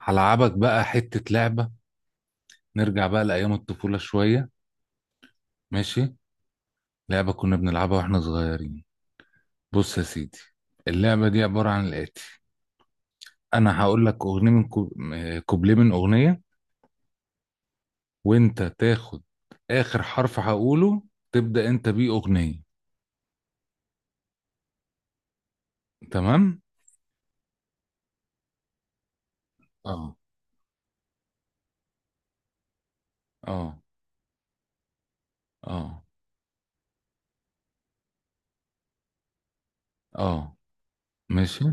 هلعبك بقى حتة لعبة. نرجع بقى لأيام الطفولة شوية. ماشي. لعبة كنا بنلعبها واحنا صغيرين. بص يا سيدي، اللعبة دي عبارة عن الآتي. أنا هقول لك أغنية من كوبليه من أغنية، وأنت تاخد آخر حرف هقوله تبدأ أنت بيه أغنية. تمام؟ اه، اه، اه، اه. ماشي.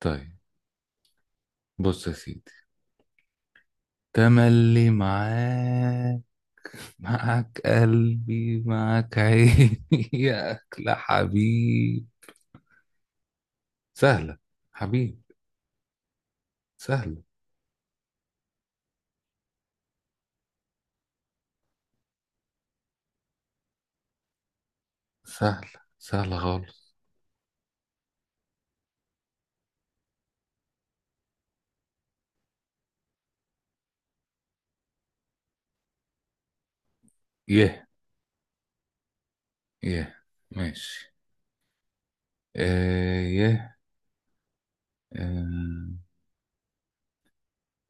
طيب. بص يا سيدي، تملي معاك، معك قلبي معك عيني. يا أكلة حبيب. سهلة. حبيب سهلة. سهلة سهلة خالص. يه، يه. ماشي. آه، يه. آه،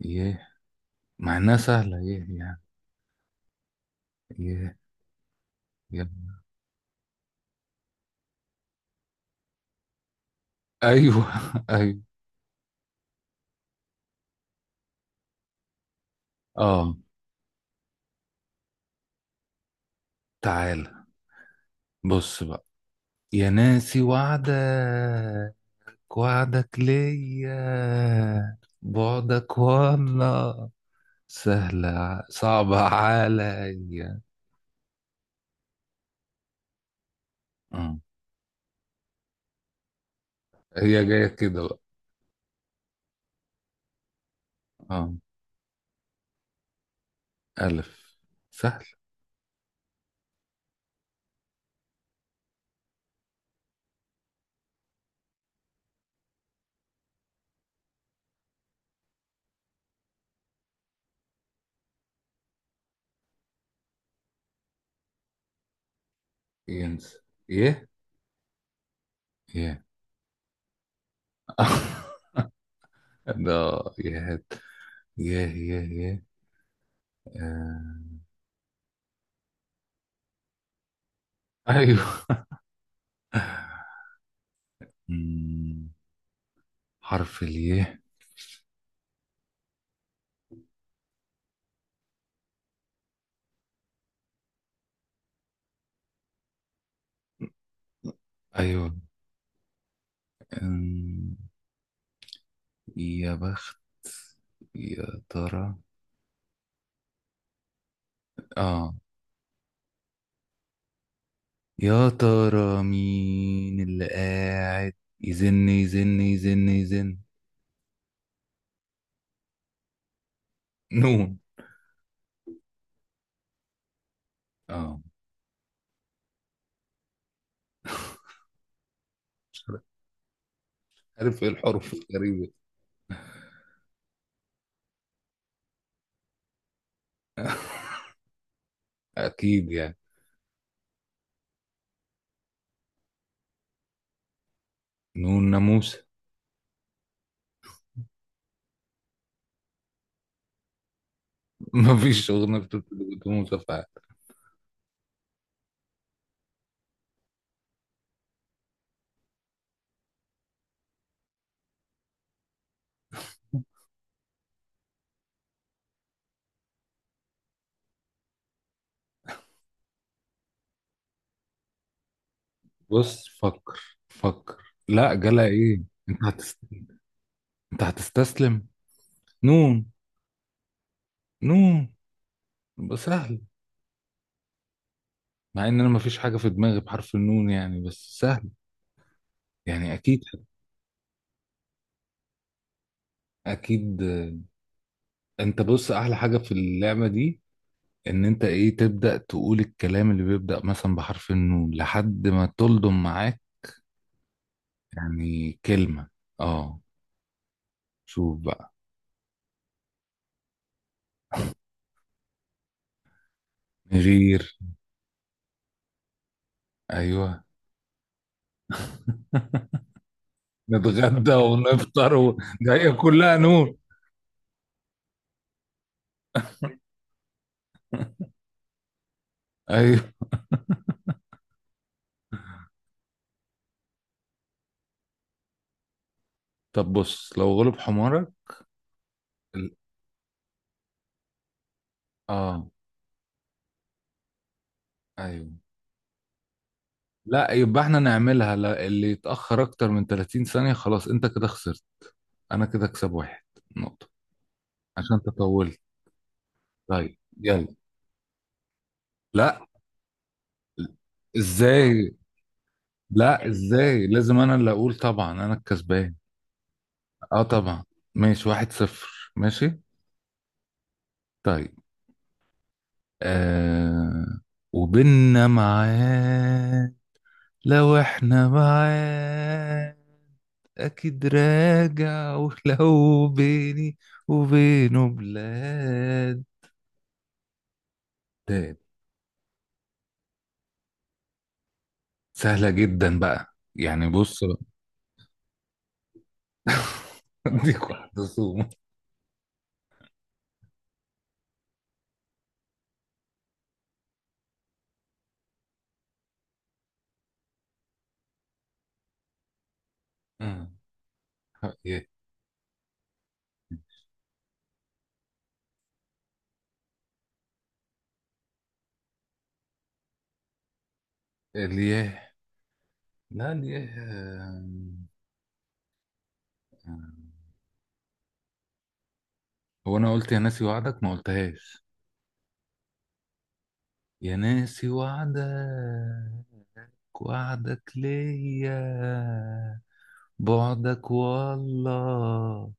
يه. مع إنها سهلة يه يعني. يه، يه. أيوه أيوه. آه. تعالى، بص بقى، يا ناسي وعدك، وعدك ليا، بعدك والله سهلة صعبة عليا. اه. هي جاية كده بقى. اه. ألف. سهل. ينسى. يه. ياه. ده يهات. يه، يه، يه. آه. أيوه أمم، حرف اليه. ايوه. أمم، يا بخت، يا ترى. اه. يا ترى مين اللي قاعد يزن يزن يزن يزن. نون. اه، عارف ايه الحروف الغريبة. اكيد يعني. نون ناموس. مفيش اغنية بتبتدي بناموس فعلا. بص، فكر فكر. لا، جالها ايه. انت هتست... انت هتستسلم. نون. نون يبقى سهل. مع ان انا مفيش حاجة في دماغي بحرف النون يعني، بس سهل. يعني اكيد. اكيد. آه. انت بص، احلى حاجة في اللعبة دي ان انت ايه، تبدأ تقول الكلام اللي بيبدأ مثلا بحرف النون لحد ما تلضم معاك يعني كلمة. اه. شوف بقى. نغير. ايوه. نتغدى ونفطر ده هي كلها نور. ايوه. طب بص، لو غلب حمارك. ال- اه ايوه. لا، يبقى احنا نعملها، لا اللي يتأخر اكتر من 30 ثانية خلاص انت كده خسرت. انا كده اكسب واحد نقطة عشان انت طولت. طيب يلا. لا. ازاي. لا، ازاي، لازم انا اللي اقول طبعا، انا الكسبان. اه طبعا. ماشي، واحد صفر. ماشي. طيب. آه. وبيننا معاد، لو احنا بعاد اكيد راجع، ولو بيني وبينه بلاد. تاني. سهلة جدا بقى يعني. بص بقى. اديك واحدة صوم. آه. يه. الياه. لا، الياه. آه. آه. هو انا قلت يا ناسي وعدك، ما قلتهاش. يا ناسي وعدك، وعدك ليا، بعدك والله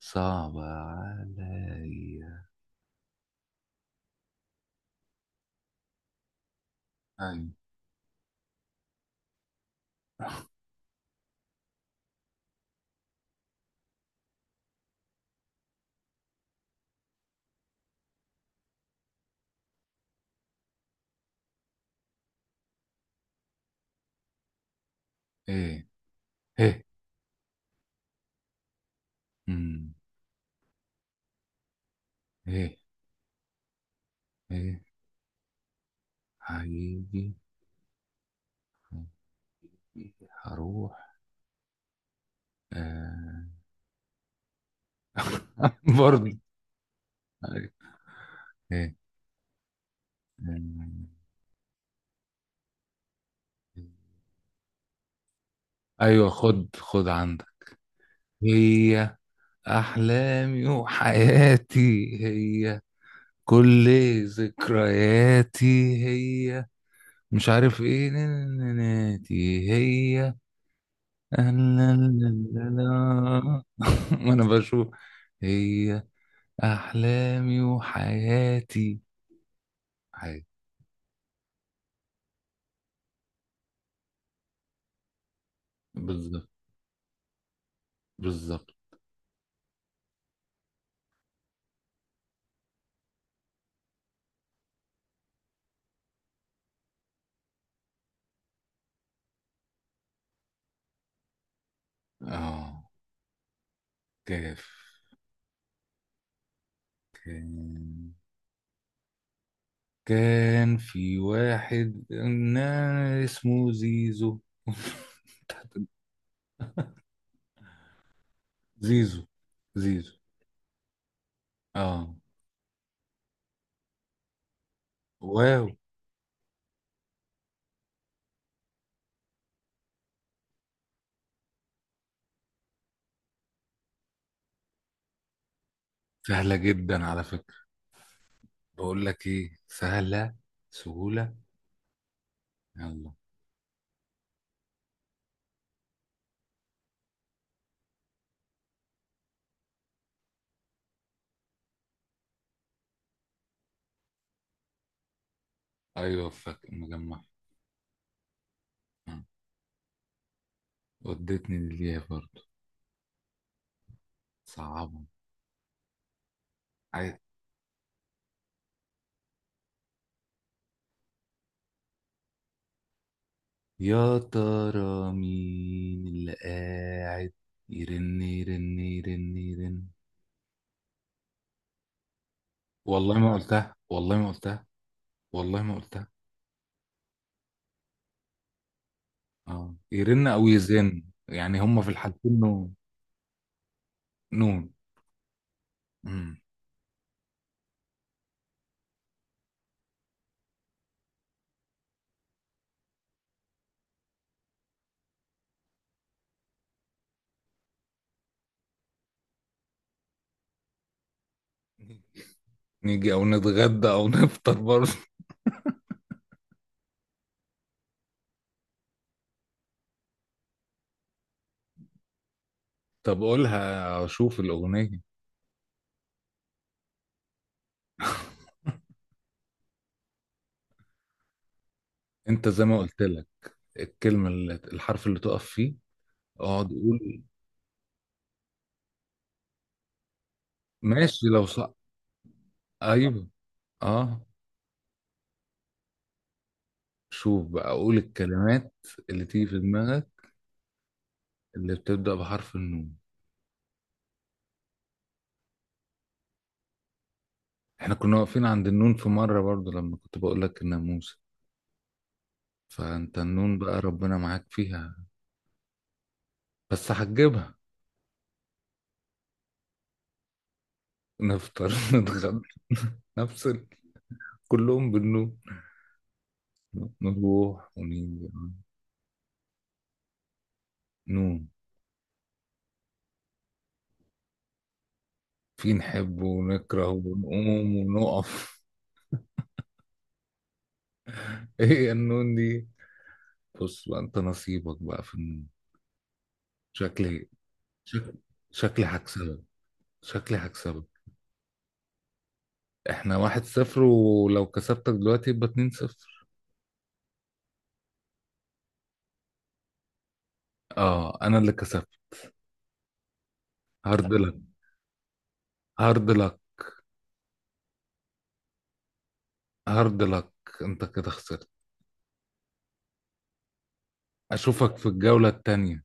صعب عليا. هاي. ايه، ايه، امم ايه، ايه. هيجي، هيجي، هروح. آه. برضه. ايه. إيه. أمم. ايوه. خد خد عندك. هي احلامي وحياتي، هي كل ذكرياتي، هي مش عارف ايه نناتي، هي. لا، لا. لا، لا. ما انا بشوف. هي احلامي وحياتي، حياتي. بالظبط، بالظبط. اه، كيف. كان كان في واحد اسمه زيزو. زيزو، زيزو. اه. واو. سهلة جدا على فكرة. بقول لك ايه، سهلة. سهولة. يلا. ايوه فاكر مجمع. آه. ودتني للياء برضه. صعبة. عادي. يا ترى مين اللي قاعد يرن يرن يرن يرن. والله ما قلتها، والله ما قلتها، والله ما قلتها. اه، يرن او يزن يعني، هما في الحالتين نون. نون. مم. نيجي او نتغدى او نفطر برضه. طب قولها اشوف الاغنية. انت زي ما قلت لك، الكلمة اللي الحرف اللي تقف فيه، اقعد قول. ماشي لو صح. ايوه. اه. شوف بقى، قول الكلمات اللي تيجي في دماغك اللي بتبدأ بحرف النون. احنا كنا واقفين عند النون في مرة برضو لما كنت بقول لك الناموسة، فانت النون بقى ربنا معاك فيها. بس هتجيبها. نفطر نتغدى، نفصل، كلهم بالنون. نروح ونيجي. نون. في نحب ونكره ونقوم ونقف. ايه النون دي. بص بقى، انت نصيبك بقى في النون. شكلي شك- شكلي هكسبك. شكلي هكسبك. احنا واحد صفر، ولو كسبتك دلوقتي يبقى اتنين صفر. اه انا اللي كسبت. هارد لك. هارد لك. هارد لك. انت كده خسرت. اشوفك في الجولة التانية.